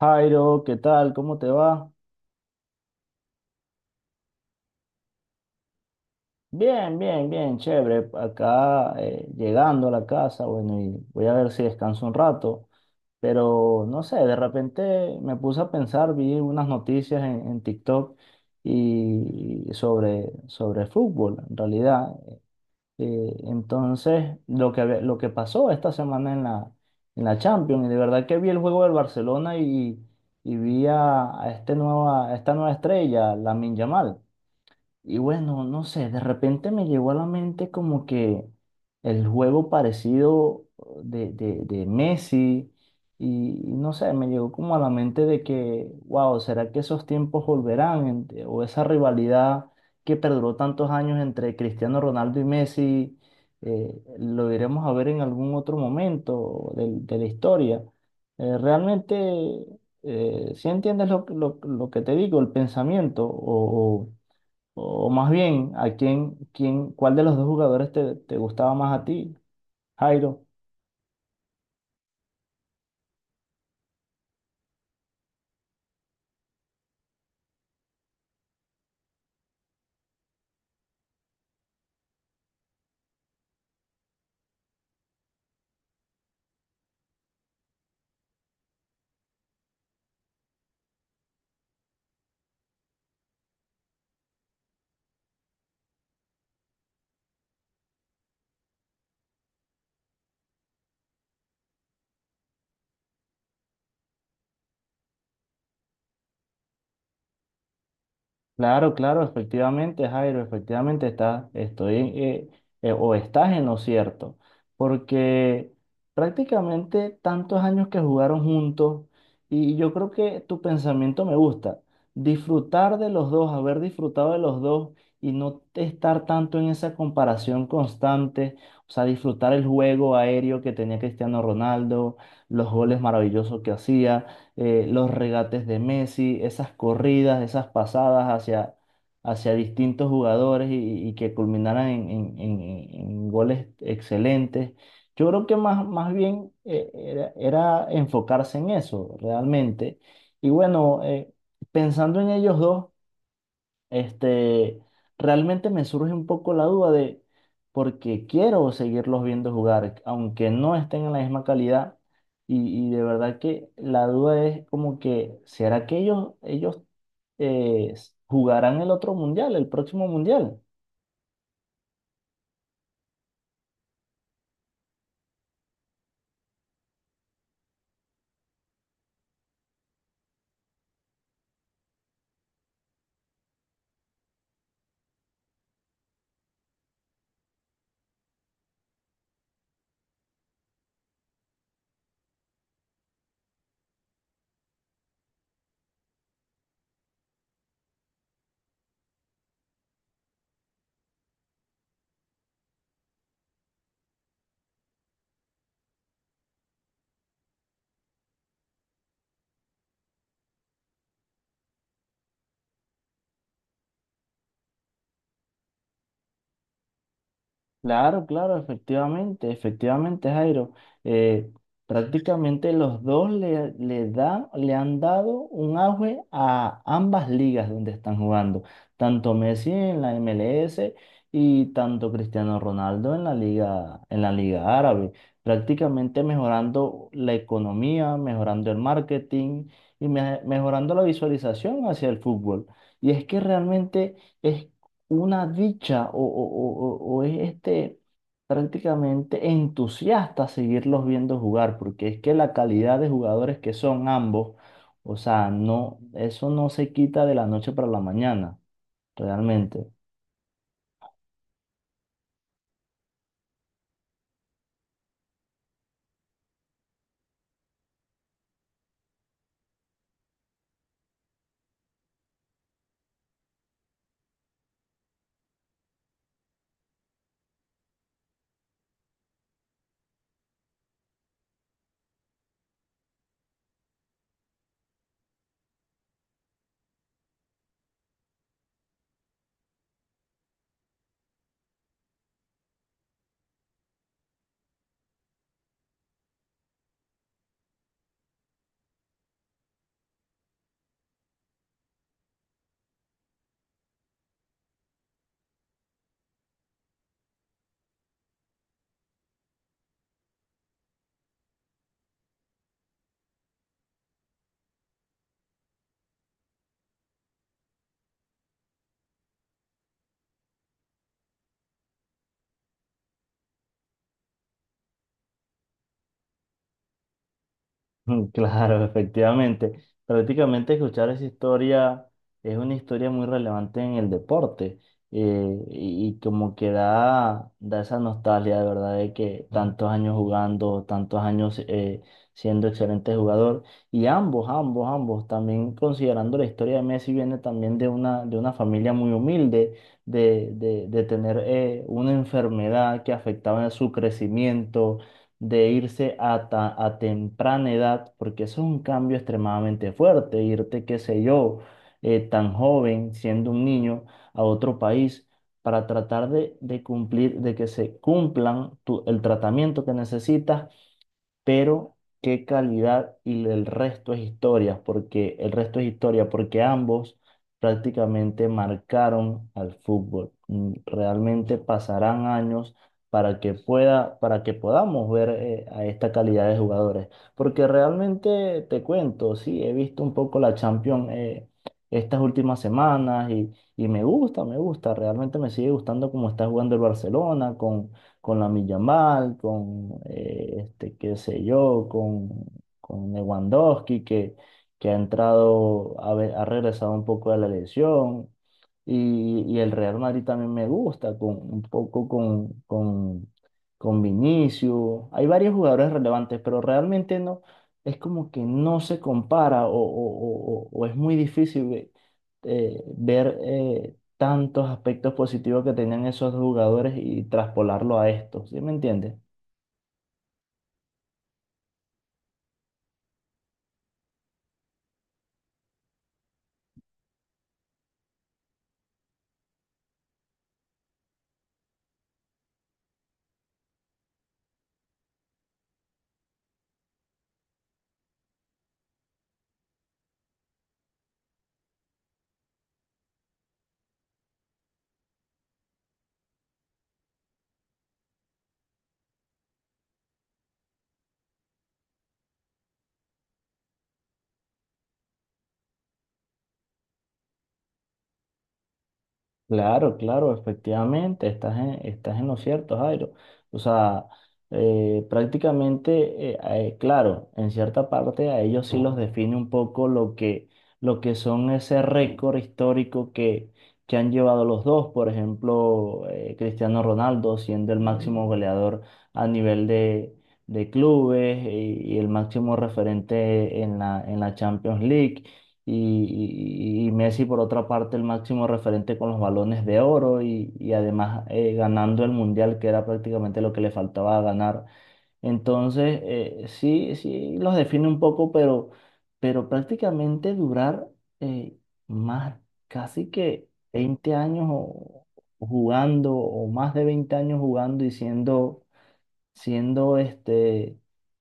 Jairo, ¿qué tal? ¿Cómo te va? Bien, bien, bien, chévere. Acá llegando a la casa, bueno, y voy a ver si descanso un rato, pero no sé, de repente me puse a pensar, vi unas noticias en TikTok y sobre fútbol, en realidad. Lo que pasó esta semana en la Champions, y de verdad que vi el juego del Barcelona y vi a a esta nueva estrella, Lamine Yamal. Y bueno, no sé, de repente me llegó a la mente como que el juego parecido de Messi y no sé, me llegó como a la mente de que, wow, ¿será que esos tiempos volverán? O esa rivalidad que perduró tantos años entre Cristiano Ronaldo y Messi, lo iremos a ver en algún otro momento de la historia. Eh, realmente, si entiendes lo que te digo, el pensamiento o más bien, ¿a cuál de los dos jugadores te gustaba más a ti, Jairo? Claro, claro, efectivamente, Jairo, efectivamente estoy, o estás en lo cierto, porque prácticamente tantos años que jugaron juntos y yo creo que tu pensamiento me gusta, disfrutar de los dos, haber disfrutado de los dos y no estar tanto en esa comparación constante, o sea, disfrutar el juego aéreo que tenía Cristiano Ronaldo, los goles maravillosos que hacía los regates de Messi, esas corridas, esas pasadas hacia distintos jugadores y que culminaran en goles excelentes. Yo creo que más bien era enfocarse en eso realmente. Y bueno, pensando en ellos dos. Este, Realmente me surge un poco la duda de porque quiero seguirlos viendo jugar, aunque no estén en la misma calidad. Y de verdad que la duda es como que, ¿será que ellos eh, jugarán el otro mundial, el próximo mundial? Claro, claro, efectivamente, efectivamente, Jairo. Eh, Prácticamente los dos le han dado un auge a ambas ligas donde están jugando, tanto Messi en la MLS y tanto Cristiano Ronaldo en en la liga árabe, prácticamente mejorando la economía, mejorando el marketing y mejorando la visualización hacia el fútbol. Y es que realmente es una dicha o es este prácticamente entusiasta seguirlos viendo jugar, porque es que la calidad de jugadores que son ambos, o sea, no, eso no se quita de la noche para la mañana, realmente. Mm, claro, efectivamente. Prácticamente escuchar esa historia es una historia muy relevante en el deporte y como que da esa nostalgia de verdad de que tantos años jugando, tantos años siendo excelente jugador y ambos, también considerando la historia de Messi viene también de una familia muy humilde, de tener una enfermedad que afectaba su crecimiento de irse a temprana edad, porque eso es un cambio extremadamente fuerte, irte, qué sé yo, tan joven, siendo un niño, a otro país para tratar de cumplir, de que se cumplan el tratamiento que necesitas, pero qué calidad y el resto es historia, porque el resto es historia, porque ambos prácticamente marcaron al fútbol. Mm, realmente pasarán años para que para que podamos ver a esta calidad de jugadores, porque realmente te cuento, sí, he visto un poco la Champions estas últimas semanas y me gusta, realmente me sigue gustando cómo está jugando el Barcelona con la Yamal, con qué sé yo, con Lewandowski, que ha entrado, ha regresado un poco de la lesión. Y el Real Madrid también me gusta, con, un poco con Vinicius. Hay varios jugadores relevantes, pero realmente no, es como que no se compara o es muy difícil ver tantos aspectos positivos que tenían esos jugadores y traspolarlo a esto, ¿sí me entiendes? Claro, claro, efectivamente, estás en lo cierto, Jairo. O sea, claro, en cierta parte a ellos sí los define un poco lo que son ese récord histórico que han llevado los dos. Por ejemplo, Cristiano Ronaldo siendo el máximo goleador a nivel de clubes y el máximo referente en la Champions League y, y Messi por otra parte el máximo referente con los balones de oro y además ganando el Mundial que era prácticamente lo que le faltaba ganar. Entonces, sí los define un poco, pero prácticamente durar eh, más, casi que 20 años jugando o más de 20 años jugando y siendo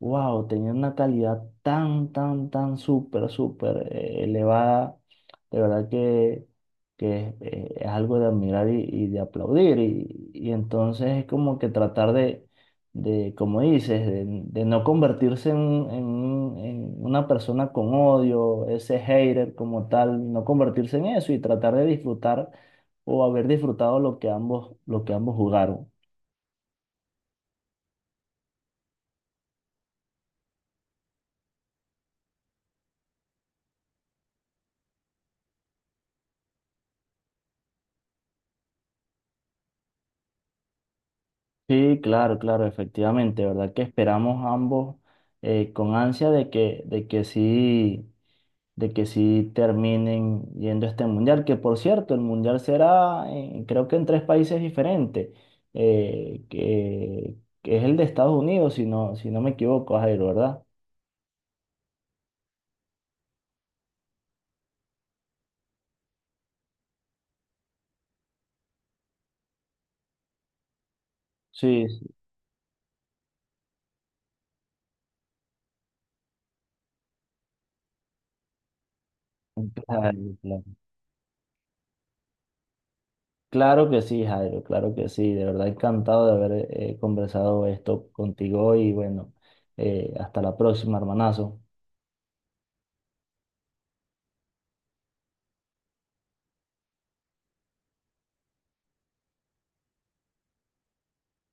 wow, tenía una calidad tan súper, súper elevada, de verdad que es algo de admirar y de aplaudir. Y entonces es como que tratar de como dices, de no convertirse en una persona con odio, ese hater como tal, no convertirse en eso y tratar de disfrutar o haber disfrutado lo que ambos jugaron. Sí, claro, claro, efectivamente, ¿verdad? Que esperamos ambos con ansia de que, de que sí terminen yendo a este mundial, que por cierto, el mundial será, creo que en tres países diferentes, eh, que, que es el de Estados Unidos, si no, si no me equivoco, Jairo, ¿verdad? Sí, sí, claro, claro. Claro que sí, Jairo, claro que sí, de verdad encantado de haber conversado esto contigo y bueno, hasta la próxima, hermanazo.